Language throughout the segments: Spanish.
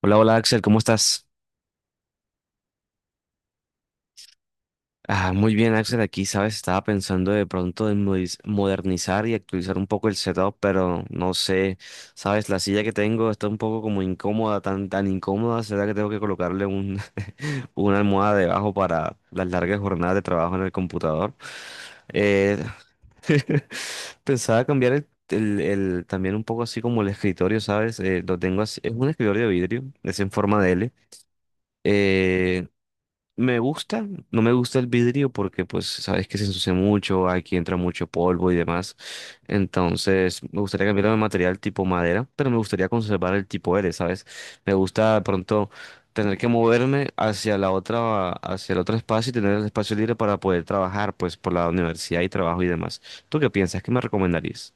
Hola, hola Axel, ¿cómo estás? Ah, muy bien Axel, aquí sabes, estaba pensando de pronto en modernizar y actualizar un poco el setup, pero no sé, sabes, la silla que tengo está un poco como incómoda, tan, tan incómoda, será que tengo que colocarle un, una almohada debajo para las largas jornadas de trabajo en el computador. Eh, Pensaba cambiar también un poco así como el escritorio, ¿sabes? Lo tengo así, es un escritorio de vidrio, es en forma de L. eh, Me gusta, no me gusta el vidrio porque pues sabes que se ensucia mucho, aquí entra mucho polvo y demás. Entonces me gustaría cambiarlo de material tipo madera, pero me gustaría conservar el tipo L, ¿sabes? Me gusta de pronto tener que moverme hacia la otra, hacia el otro espacio y tener el espacio libre para poder trabajar pues por la universidad y trabajo y demás. ¿Tú qué piensas? ¿Qué me recomendarías?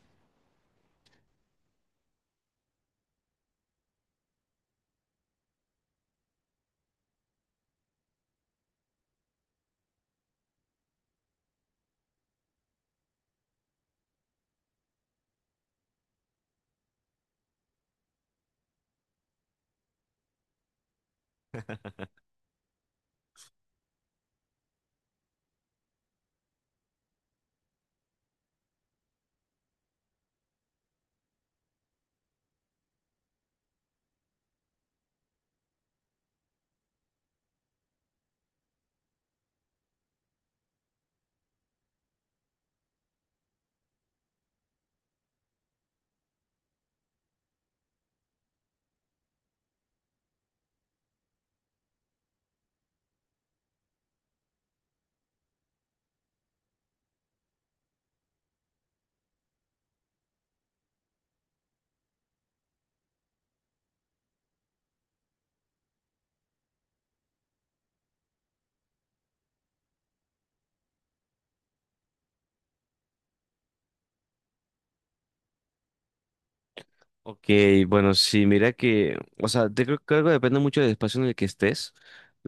Ok, bueno, sí, mira que, o sea, te creo, creo que depende mucho del espacio en el que estés.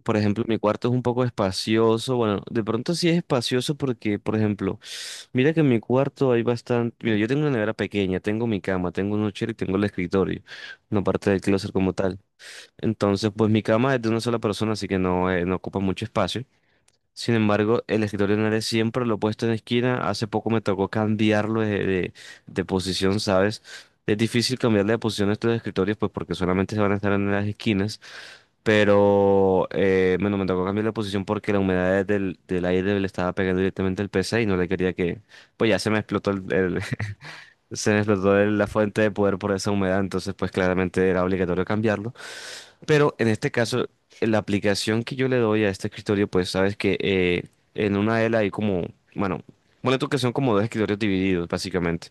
Por ejemplo, mi cuarto es un poco espacioso. Bueno, de pronto sí es espacioso porque, por ejemplo, mira que en mi cuarto hay bastante. Mira, yo tengo una nevera pequeña, tengo mi cama, tengo un nochero y tengo el escritorio, no parte del closet como tal. Entonces, pues mi cama es de una sola persona, así que no, no ocupa mucho espacio. Sin embargo, el escritorio no era siempre lo he puesto en esquina. Hace poco me tocó cambiarlo de posición, ¿sabes? Es difícil cambiarle de posición a estos escritorios, pues porque solamente se van a estar en las esquinas. Pero bueno, me tocó cambiar la posición porque la humedad del, del aire le estaba pegando directamente al PC y no le quería que. Pues ya se me explotó se me explotó la fuente de poder por esa humedad. Entonces, pues claramente era obligatorio cambiarlo. Pero en este caso, la aplicación que yo le doy a este escritorio, pues sabes que en una de él hay como, bueno, bueno, tú que son como dos escritorios divididos, básicamente.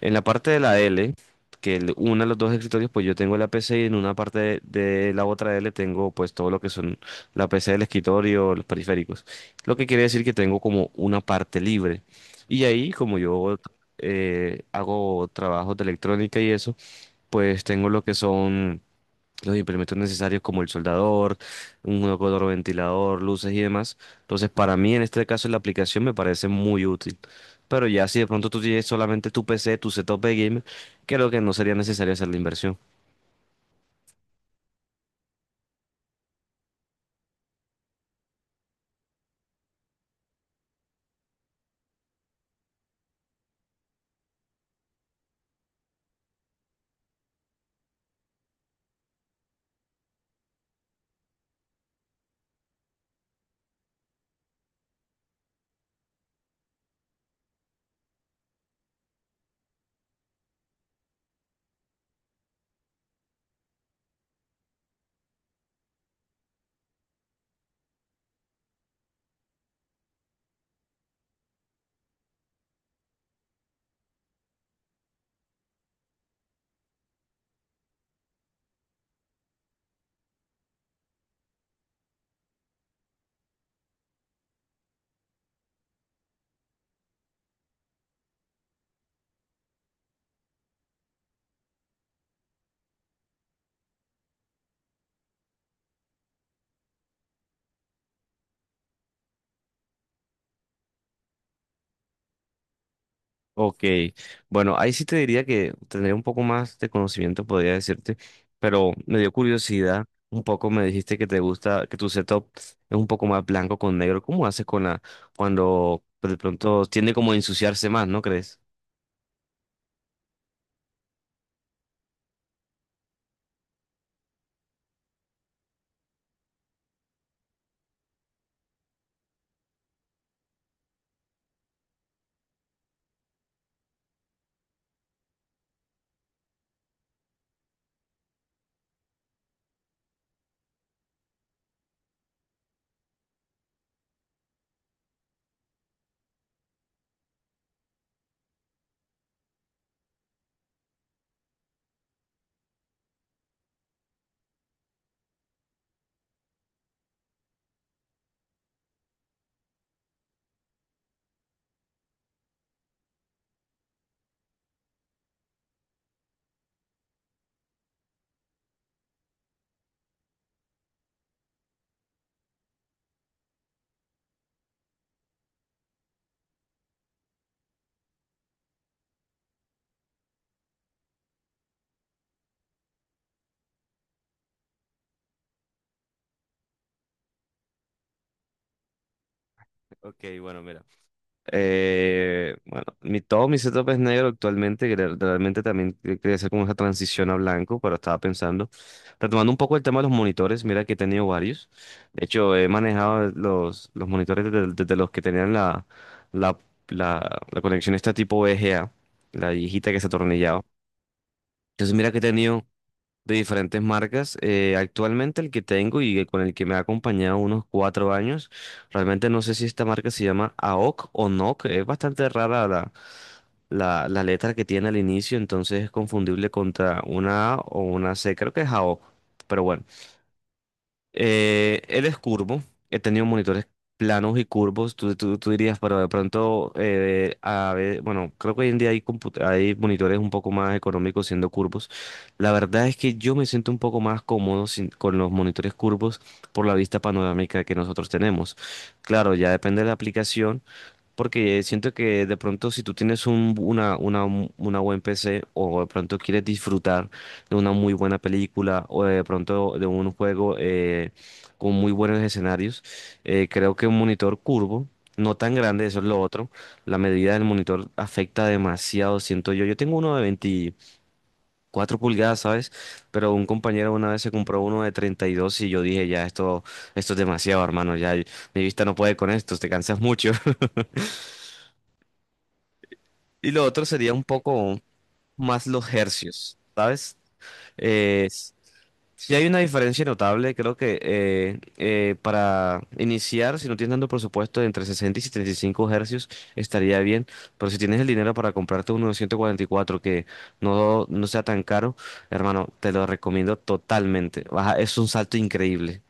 En la parte de la L, que una de los dos escritorios, pues yo tengo la PC y en una parte de la otra L tengo pues todo lo que son la PC del escritorio, los periféricos. Lo que quiere decir que tengo como una parte libre. Y ahí, como yo hago trabajos de electrónica y eso, pues tengo lo que son los implementos necesarios como el soldador, un jugador ventilador, luces y demás. Entonces, para mí en este caso la aplicación me parece muy útil. Pero ya si de pronto tú tienes solamente tu PC, tu setup de gamer, creo que no sería necesario hacer la inversión. Ok, bueno, ahí sí te diría que tendría un poco más de conocimiento, podría decirte, pero me dio curiosidad. Un poco me dijiste que te gusta, que tu setup es un poco más blanco con negro. ¿Cómo haces con la, cuando de pronto tiende como a ensuciarse más, ¿no crees? Ok, bueno, mira. Bueno, mi, todo mi setup es negro actualmente, que realmente también quería hacer como esa transición a blanco, pero estaba pensando, retomando un poco el tema de los monitores, mira que he tenido varios, de hecho he manejado los monitores desde, desde los que tenían la, la conexión esta tipo VGA, la viejita que se atornillaba, entonces mira que he tenido de diferentes marcas. Actualmente el que tengo y el con el que me ha acompañado unos 4 años, realmente no sé si esta marca se llama AOC o NOC. Es bastante rara la letra que tiene al inicio, entonces es confundible contra una A o una C. Creo que es AOC, pero bueno. Él es curvo. He tenido monitores planos y curvos. Tú dirías, pero de pronto, a ver, bueno, creo que hoy en día hay monitores un poco más económicos siendo curvos. La verdad es que yo me siento un poco más cómodo con los monitores curvos por la vista panorámica que nosotros tenemos. Claro, ya depende de la aplicación. Porque siento que de pronto si tú tienes una buen PC o de pronto quieres disfrutar de una muy buena película o de pronto de un juego con muy buenos escenarios, creo que un monitor curvo, no tan grande, eso es lo otro, la medida del monitor afecta demasiado, siento yo. Yo tengo uno de 24 pulgadas, ¿sabes? Pero un compañero una vez se compró uno de 32 y yo dije, ya, esto es demasiado, hermano, ya mi vista no puede con esto, te cansas mucho. Y lo otro sería un poco más los hercios, ¿sabes? Eh, si hay una diferencia notable, creo que para iniciar, si no tienes tanto presupuesto, entre 60 y 75 hercios estaría bien, pero si tienes el dinero para comprarte uno de 144 que no, no sea tan caro, hermano, te lo recomiendo totalmente. Baja, es un salto increíble.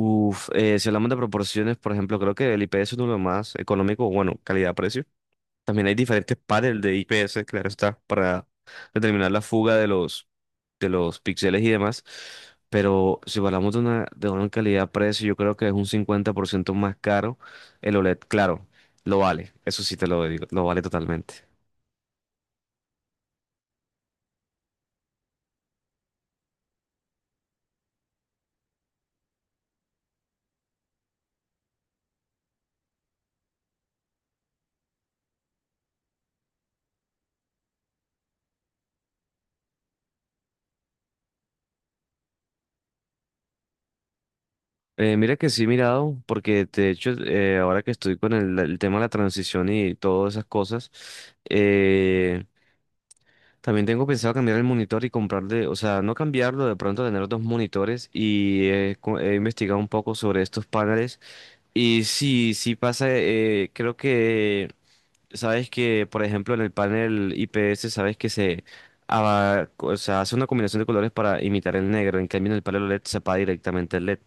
Si hablamos de proporciones, por ejemplo, creo que el IPS es uno de los más económicos, bueno, calidad-precio. También hay diferentes pares de IPS, claro está, para determinar la fuga de los píxeles y demás. Pero si hablamos de una calidad-precio, yo creo que es un 50% más caro el OLED. Claro, lo vale, eso sí te lo digo, lo vale totalmente. Mira que sí he mirado, porque de hecho ahora que estoy con el tema de la transición y todas esas cosas, eh, también tengo pensado cambiar el monitor y comprarle, o sea, no cambiarlo, de pronto tener dos monitores y he investigado un poco sobre estos paneles y sí, sí pasa, creo que sabes que, por ejemplo, en el panel IPS, sabes que o sea, hace una combinación de colores para imitar el negro. En cambio, en el panel OLED se apaga directamente el LED.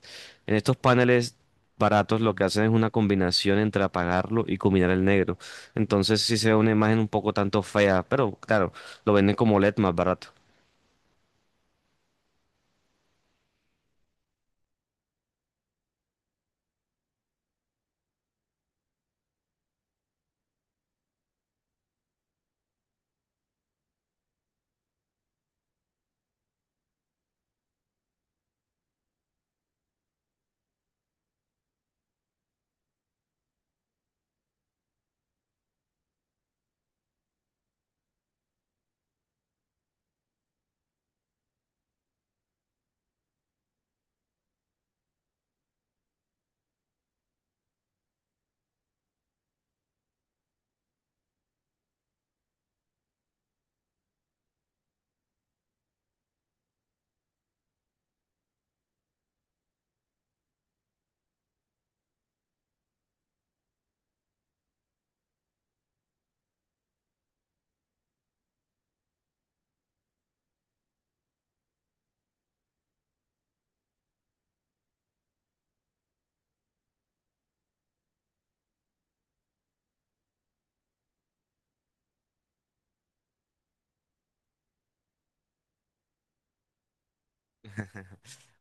En estos paneles baratos, lo que hacen es una combinación entre apagarlo y combinar el negro. Entonces, sí se ve una imagen un poco tanto fea, pero claro, lo venden como LED más barato.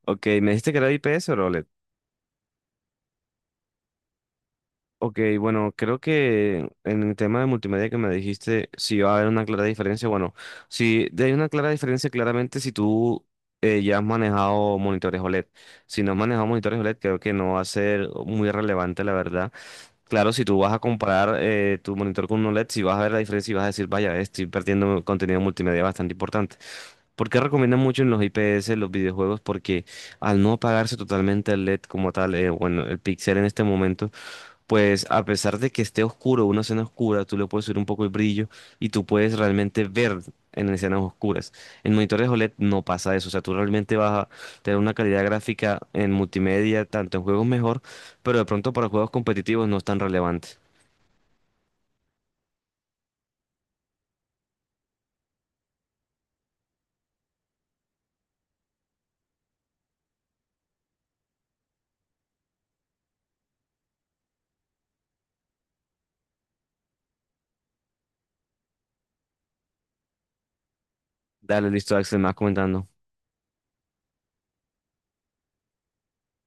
Ok, ¿me dijiste que era IPS o era OLED? Ok, bueno, creo que en el tema de multimedia que me dijiste, sí va a haber una clara diferencia. Bueno, sí hay una clara diferencia, claramente si tú ya has manejado monitores OLED. Si no has manejado monitores OLED, creo que no va a ser muy relevante, la verdad. Claro, si tú vas a comparar tu monitor con un OLED, si vas a ver la diferencia y vas a decir, vaya, estoy perdiendo contenido multimedia bastante importante. ¿Por qué recomiendan mucho en los IPS los videojuegos? Porque al no apagarse totalmente el LED como tal, bueno, el pixel en este momento. Pues a pesar de que esté oscuro, una escena oscura, tú le puedes subir un poco el brillo y tú puedes realmente ver en escenas oscuras. En monitores OLED no pasa eso, o sea, tú realmente vas a tener una calidad gráfica en multimedia, tanto en juegos mejor, pero de pronto para juegos competitivos no es tan relevante. Dale, listo, Axel, más comentando.